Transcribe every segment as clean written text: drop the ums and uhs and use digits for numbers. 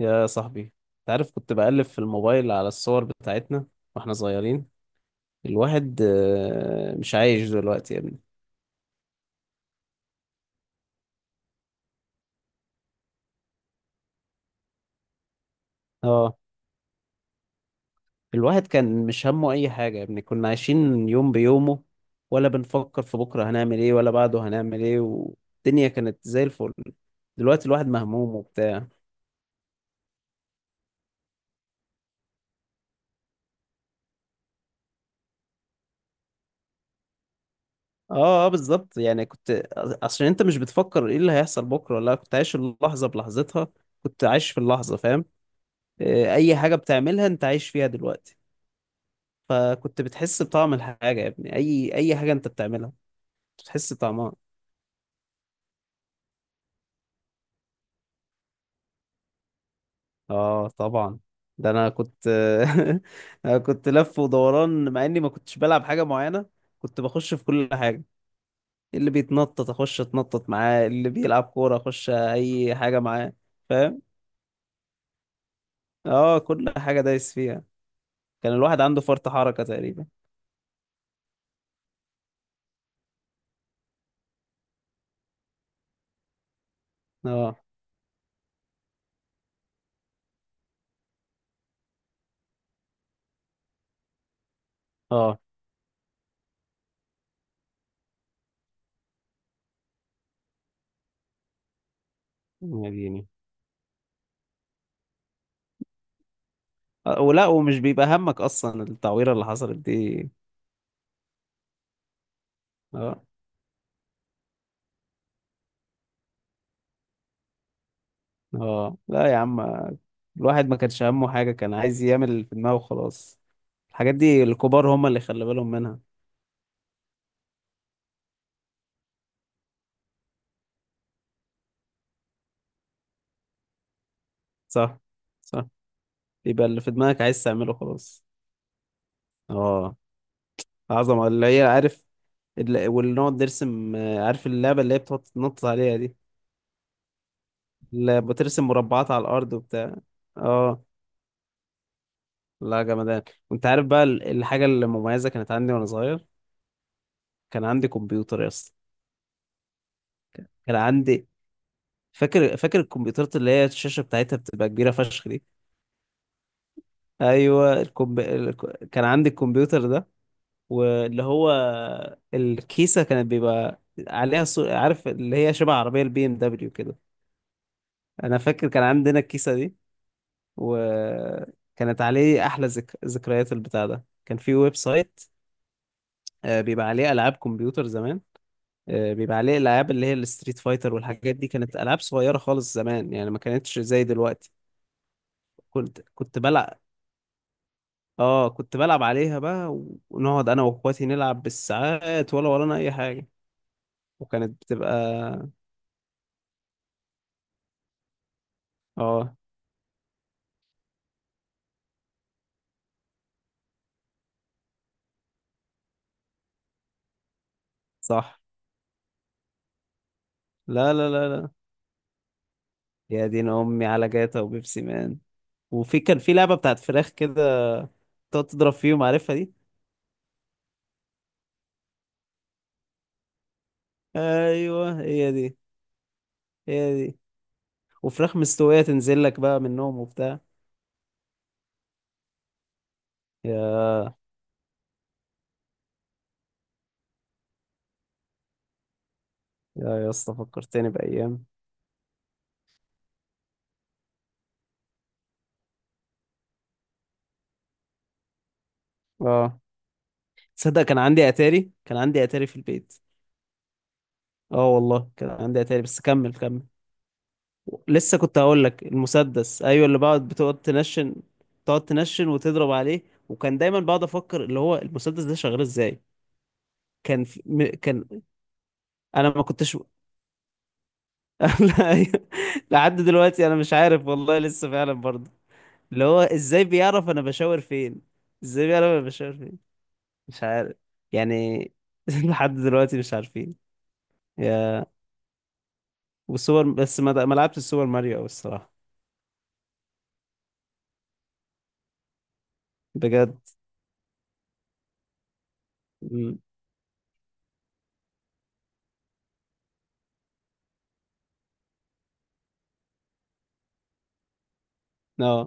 يا صاحبي، انت عارف كنت بقلب في الموبايل على الصور بتاعتنا واحنا صغيرين. الواحد مش عايش دلوقتي يا ابني. اه، الواحد كان مش همه اي حاجة يا ابني، كنا عايشين يوم بيومه ولا بنفكر في بكرة هنعمل ايه ولا بعده هنعمل ايه، والدنيا كانت زي الفل. دلوقتي الواحد مهموم وبتاع. اه، بالظبط، يعني كنت. عشان انت مش بتفكر ايه اللي هيحصل بكرة، ولا كنت عايش اللحظة بلحظتها، كنت عايش في اللحظة، فاهم. اي حاجة بتعملها انت عايش فيها دلوقتي. فكنت بتحس بطعم الحاجة يا ابني، أي حاجة أنت بتعملها بتحس بطعمها. آه طبعا. ده أنا كنت أنا كنت لف ودوران، مع إني ما كنتش بلعب حاجة معينة، كنت بخش في كل حاجة. اللي بيتنطط أخش أتنطط معاه، اللي بيلعب كورة أخش، أي حاجة معاه، فاهم. آه، كل حاجة دايس فيها. كان الواحد عنده فرط حركة تقريبا. آه آه. يا ديني. ولا ومش بيبقى همك أصلا التعويرة اللي حصلت دي. آه. اه لا يا عم، الواحد ما كانش همه حاجة، كان عايز يعمل اللي في دماغه وخلاص. الحاجات دي الكبار هم اللي خلي بالهم منها. صح، صح. يبقى اللي في دماغك عايز تعمله خلاص. اه. عظمة، اللي هي عارف. اللي نقعد نرسم، عارف اللعبة اللي هي بتقعد تنطط عليها دي؟ اللي بترسم مربعات على الأرض وبتاع. اه. لا جمدان. وانت عارف بقى الحاجة المميزة كانت عندي وانا صغير؟ كان عندي كمبيوتر يا اسطى. كان عندي. فاكر، فاكر الكمبيوترات اللي هي الشاشة بتاعتها بتبقى كبيرة فشخ دي؟ ايوه كان عندي الكمبيوتر ده. واللي هو الكيسه كانت بيبقى عليها صور، عارف اللي هي شبه عربيه البي ام دبليو كده. انا فاكر كان عندنا الكيسه دي، وكانت عليه احلى ذكريات. البتاع ده كان في ويب سايت، بيبقى عليه العاب كمبيوتر زمان. بيبقى عليه الالعاب اللي هي الستريت فايتر والحاجات دي، كانت العاب صغيره خالص زمان، يعني ما كانتش زي دلوقتي. كنت بلعب. اه كنت بلعب عليها بقى. ونقعد انا واخواتي نلعب بالساعات ولا ورانا اي حاجه. وكانت بتبقى. اه. صح. لا، لا، لا، لا. يا دين امي على جاتا وبيبسي مان. وفي كان في لعبه بتاعت فراخ كده، تقعد تضرب فيهم، عارفها دي؟ ايوه هي دي. هي دي. وفراخ مستويه تنزل لك بقى منهم وبتاع. يا يا اسطى فكرتني بايام. اه، تصدق كان عندي اتاري؟ كان عندي اتاري في البيت. اه والله كان عندي اتاري، بس كمل كمل. لسه كنت هقول لك المسدس، ايوه، اللي بقعد بتقعد تنشن، تقعد تنشن وتضرب عليه. وكان دايما بقعد افكر اللي هو المسدس ده شغال ازاي. كان انا ما كنتش لا أيوة. لحد دلوقتي انا مش عارف والله، لسه فعلا برضه. اللي هو ازاي بيعرف انا بشاور فين؟ ازاي بيعرف انا بشاور فين؟ مش عارف يعني. لحد دلوقتي مش عارفين. يا، والسوبر، بس ما لعبتش السوبر ماريو أوي الصراحة. بجد. م.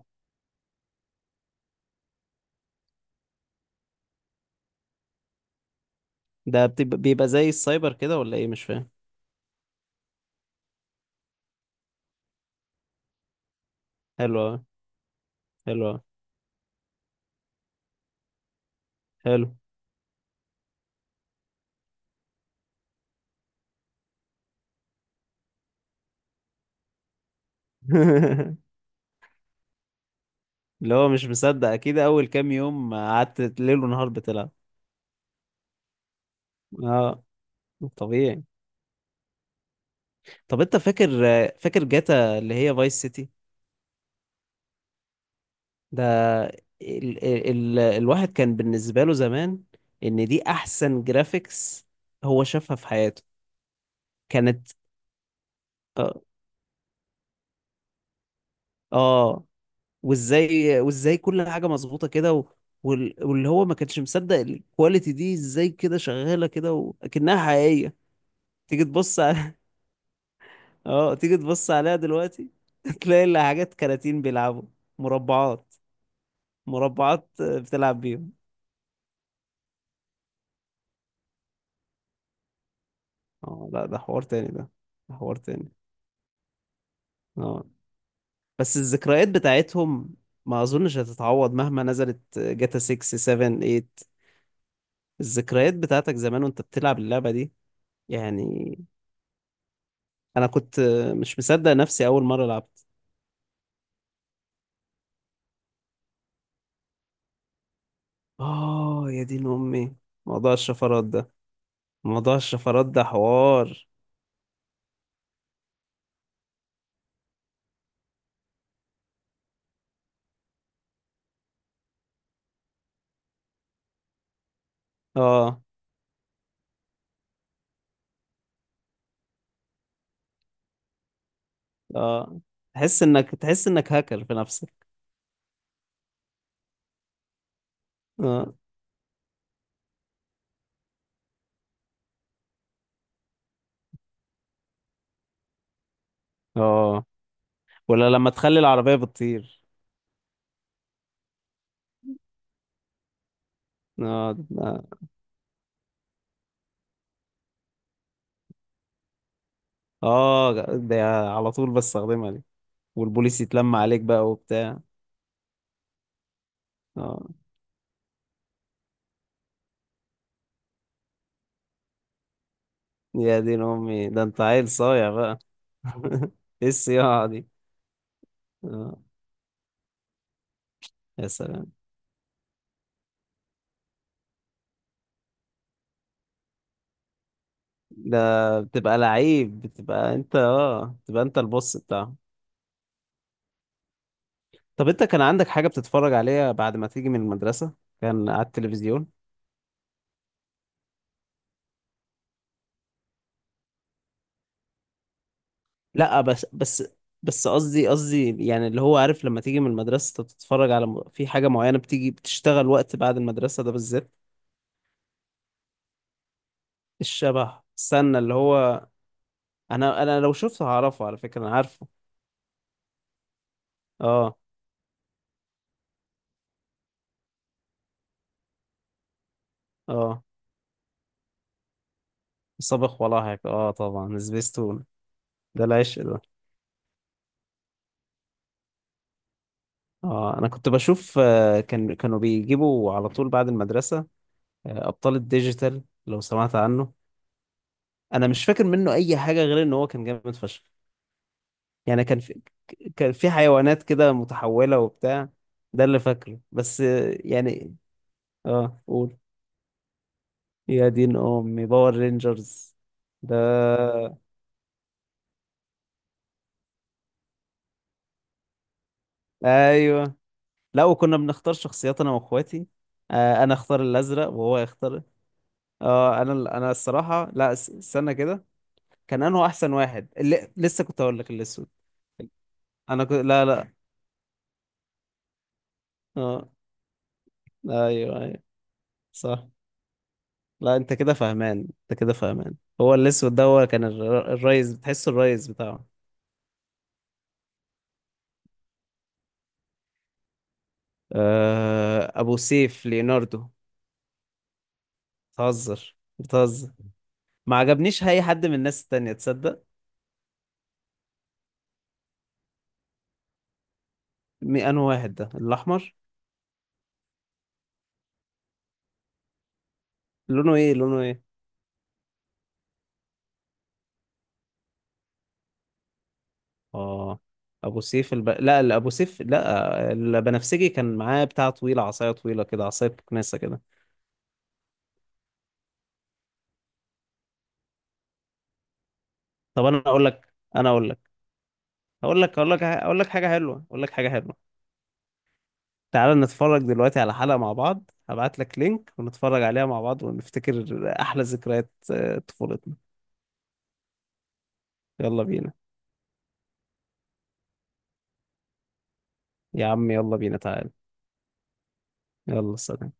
ده بتبقى- بيبقى زي السايبر كده ولا ايه؟ مش فاهم. حلو أوي، حلو أوي، حلو. اللي هو مش مصدق، اكيد اول كام يوم قعدت ليل ونهار بتلعب. اه طبيعي. طب انت فاكر. فاكر جاتا اللي هي فايس سيتي؟ ده ال... ال... الواحد كان بالنسبة له زمان ان دي احسن جرافيكس هو شافها في حياته. كانت. اه. آه، وازاي كل حاجه مظبوطه كده و... واللي هو ما كانش مصدق الكواليتي دي ازاي كده شغاله كده وكأنها حقيقيه. تيجي تبص على. اه تيجي تبص عليها دلوقتي. تلاقي اللي حاجات كراتين بيلعبوا. مربعات. مربعات بتلعب بيهم. اه. لا ده حوار تاني ده. ده حوار تاني. اه. بس الذكريات بتاعتهم، ما اظنش هتتعوض مهما نزلت جاتا 6 7 8. الذكريات بتاعتك زمان وانت بتلعب اللعبة دي يعني. انا كنت مش مصدق نفسي اول مره لعبت. اه. يا دين امي موضوع الشفرات ده. موضوع الشفرات ده حوار. اه اه. تحس انك، تحس انك هاكر في نفسك. اه اه. ولا لما تخلي العربيه بتطير. اه اه. آه، ده على طول بستخدمها دي. والبوليس يتلم عليك بقى وبتاع. اه. يا دين امي ده انت عيل صايع بقى. ايه الصياعه دي. اه يا سلام. ده بتبقى لعيب، بتبقى انت اه بتبقى انت البص بتاعه. طب انت كان عندك حاجة بتتفرج عليها بعد ما تيجي من المدرسة؟ كان على التلفزيون. لا بس، بس، بس قصدي، قصدي يعني اللي هو عارف، لما تيجي من المدرسة انت بتتفرج على في حاجة معينة بتيجي بتشتغل وقت بعد المدرسة ده بالذات. الشبح، استنى اللي هو، انا لو شفته هعرفه على فكرة، انا عارفه. اه اه. صابغ ولاحق، اه طبعا سبيستون. ده العشق ده. اه انا كنت بشوف، كان كانوا بيجيبوا على طول بعد المدرسة، ابطال الديجيتال، لو سمعت عنه. انا مش فاكر منه اي حاجة غير ان هو كان جامد فشخ. يعني كان في، كان في حيوانات كده متحولة وبتاع. ده اللي فاكره بس، يعني. اه قول. يا دين امي باور رينجرز ده. ايوه، لا وكنا بنختار شخصيات انا واخواتي. انا اختار الازرق وهو يختار. اه انا الصراحة لا استنى كده. كان انه احسن واحد، اللي لسه كنت اقول لك الاسود. انا كنت، لا، لا. اه. ايوه ايوه. صح. لا انت كده فاهمان. انت كده فاهمان. هو الاسود ده هو كان الريس، بتحسه الريس بتاعه. ابو سيف ليوناردو. بتهزر بتهزر. ما عجبنيش اي حد من الناس التانية، تصدق؟ مي انه واحد ده الاحمر. لونه ايه؟ لونه ايه؟ اه ابو سيف لا الابو سيف لا البنفسجي كان معاه بتاع طويله، عصايه طويله كده، عصايه كناسه كده. طب انا اقول لك، انا اقول لك، اقول لك، اقول لك، اقول لك حاجه حلوه، اقول لك حاجه حلوه. تعالى نتفرج دلوقتي على حلقه مع بعض، هبعت لك لينك ونتفرج عليها مع بعض ونفتكر احلى ذكريات طفولتنا. يلا بينا. يا عم يلا بينا تعالى. يلا سلام.